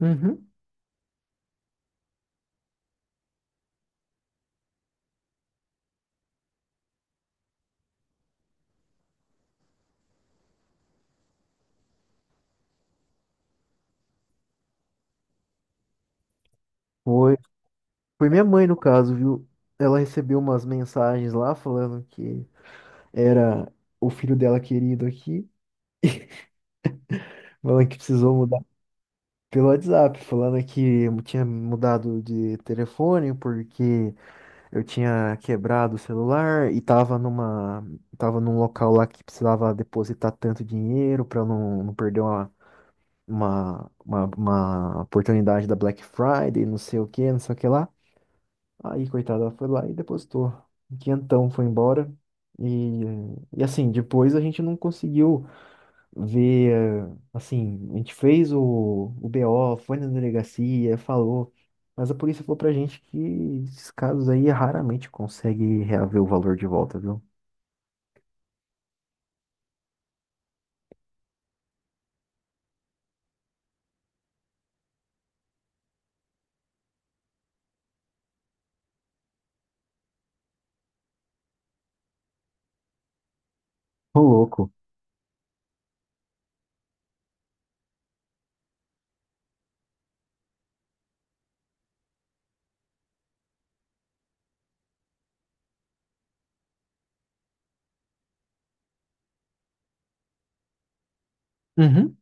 Uhum. Foi. Foi minha mãe, no caso, viu? Ela recebeu umas mensagens lá falando que era o filho dela querido aqui, falando que precisou mudar pelo WhatsApp, falando que eu tinha mudado de telefone porque eu tinha quebrado o celular e tava num local lá que precisava depositar tanto dinheiro para não perder uma oportunidade da Black Friday, não sei o que, não sei o que lá. Aí, coitada, ela foi lá e depositou. Um Quinhentão foi embora. E, e assim, depois a gente não conseguiu ver. Assim, a gente fez o BO, foi na delegacia, falou. Mas a polícia falou pra gente que esses casos aí raramente consegue reaver o valor de volta, viu? Ô, louco. Uhum.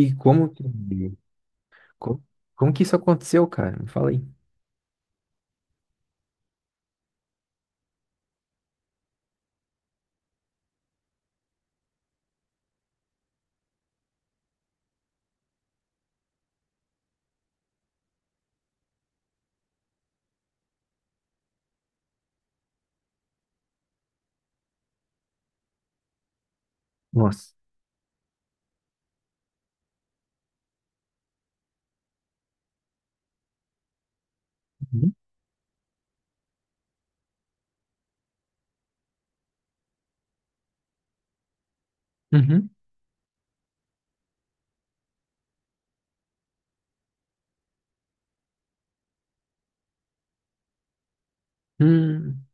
E co- como que isso aconteceu, cara? Me fala aí. Nossa. Uhum. Uhum. Hum.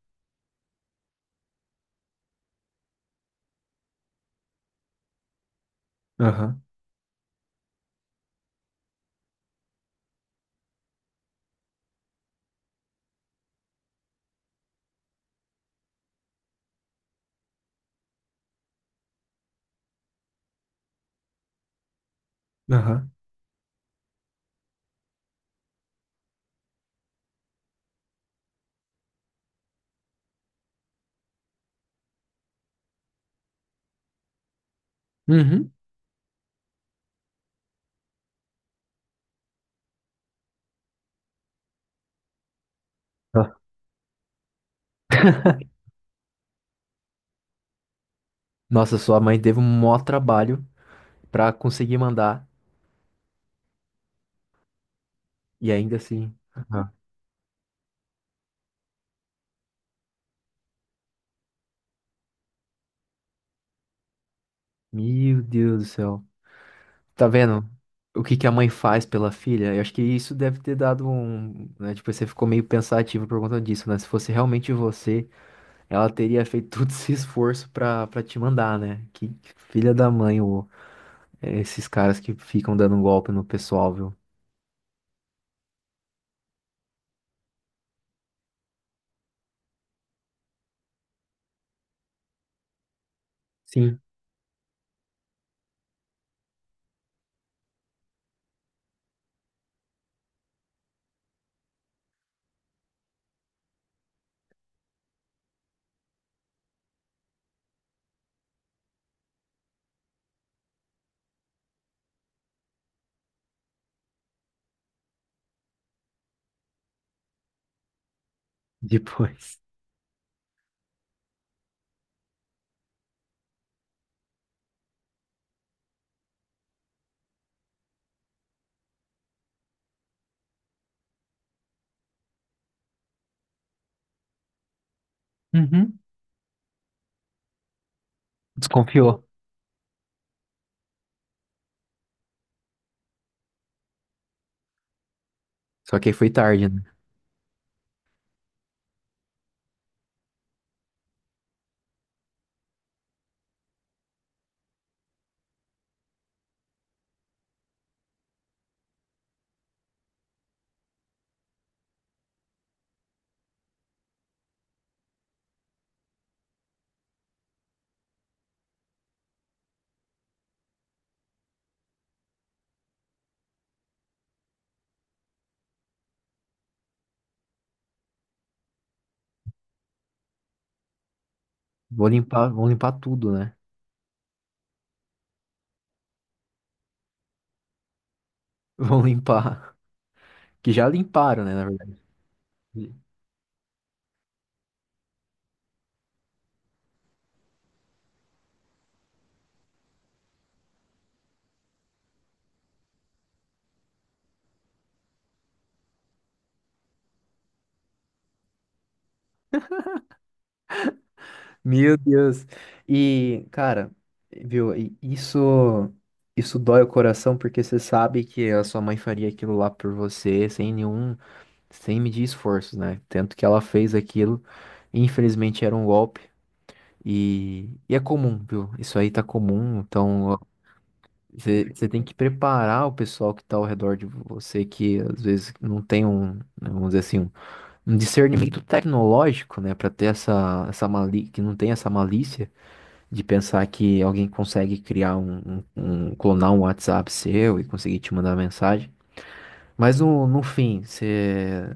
Aham. Aham. Uhum. Nossa, sua mãe teve um maior trabalho pra conseguir mandar e ainda assim. Aham. Meu Deus do céu. Tá vendo o que que a mãe faz pela filha? Eu acho que isso deve ter dado um, né, tipo, você ficou meio pensativo por conta disso, né? Se fosse realmente você, ela teria feito todo esse esforço pra para te mandar, né? Que filha da mãe, ô, é, esses caras que ficam dando um golpe no pessoal, viu? Sim, depois. Uhum. Desconfiou. Só que aí foi tarde, né? Vão limpar tudo, né? Vão limpar. Que já limparam, né, na verdade. Meu Deus. E, cara, viu, e isso dói o coração porque você sabe que a sua mãe faria aquilo lá por você sem nenhum, sem medir esforços, né? Tanto que ela fez aquilo, infelizmente era um golpe e é comum, viu? Isso aí tá comum, então ó, você tem que preparar o pessoal que tá ao redor de você que às vezes não tem um, né, vamos dizer assim, um discernimento tecnológico, né, para ter essa, essa mali que não tem essa malícia de pensar que alguém consegue criar clonar um WhatsApp seu e conseguir te mandar mensagem. Mas no fim, você,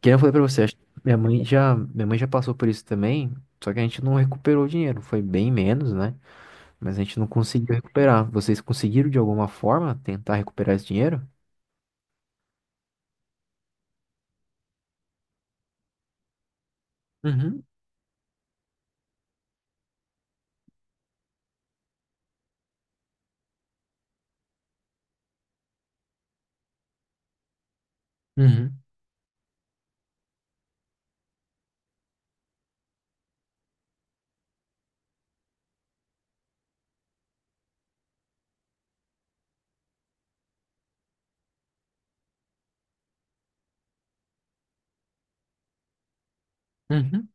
que nem eu falei para você, acho que minha mãe já passou por isso também, só que a gente não recuperou o dinheiro, foi bem menos, né? Mas a gente não conseguiu recuperar. Vocês conseguiram de alguma forma tentar recuperar esse dinheiro? Uhum, uhum, uhum,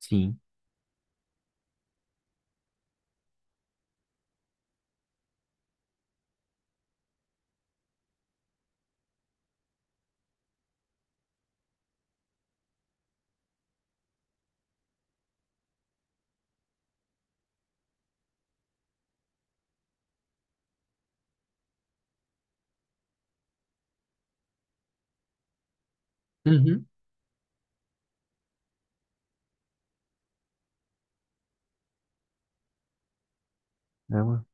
sim. Uhum. É mano?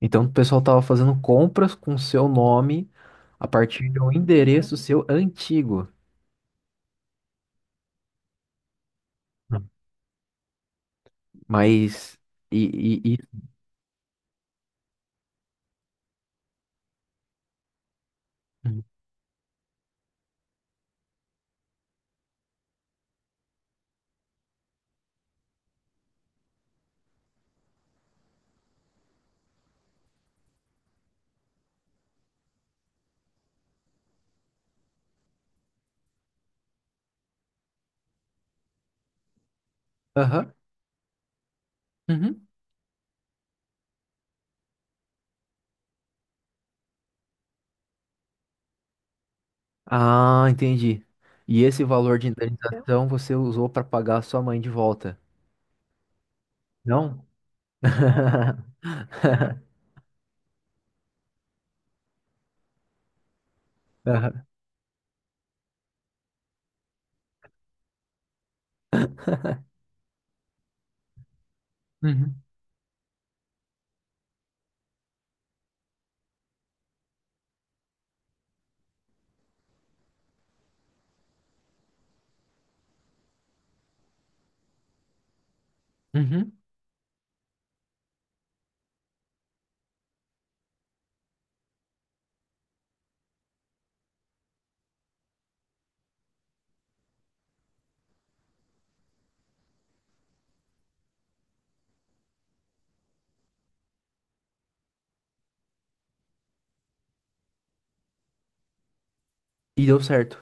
Então, o pessoal tava fazendo compras com seu nome a partir de um endereço seu antigo. Hum. Mas. E... Uhum. Aham. Uhum. Ah, entendi. E esse valor de indenização você usou para pagar a sua mãe de volta? Não? Aham. Uhum. Uhum. E deu certo.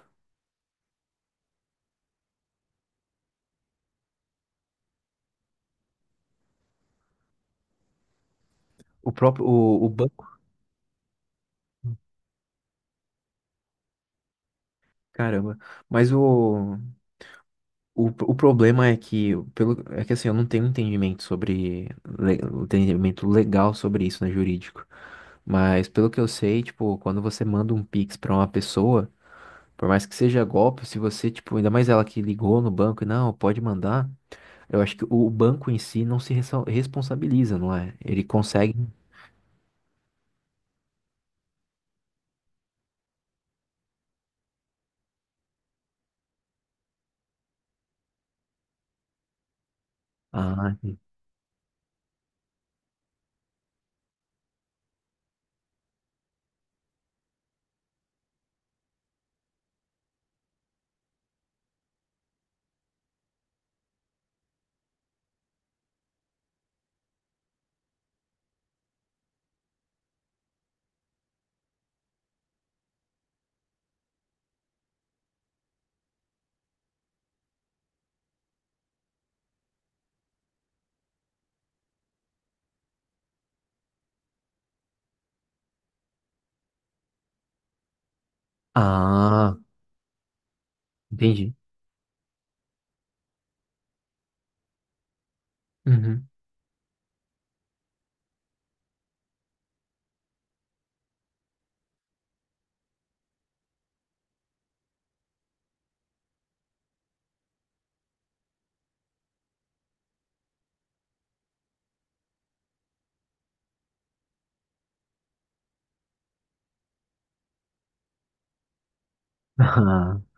O próprio. O banco. Caramba. Mas o. O problema é que, pelo, é que assim, eu não tenho entendimento sobre, um entendimento legal sobre isso, né, jurídico. Mas pelo que eu sei, tipo, quando você manda um Pix pra uma pessoa, por mais que seja golpe, se você, tipo, ainda mais ela que ligou no banco e não, pode mandar, eu acho que o banco em si não se ressa- responsabiliza, não é? Ele consegue. Ah, entendi. Ah, entendi. Uhum.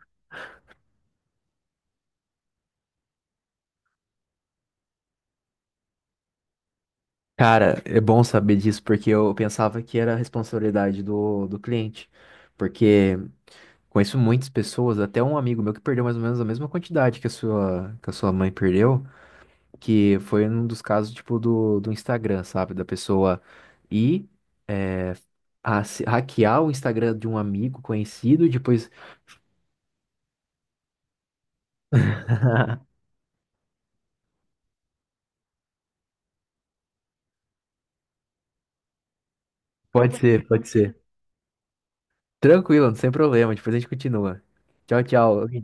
Cara, é bom saber disso, porque eu pensava que era a responsabilidade do cliente. Porque conheço muitas pessoas, até um amigo meu que perdeu mais ou menos a mesma quantidade que a sua mãe perdeu, que foi um dos casos, tipo, do Instagram, sabe? Da pessoa ir, é, hackear o Instagram de um amigo conhecido e depois. Pode ser. Tranquilo, sem problema, depois a gente continua. Tchau, tchau.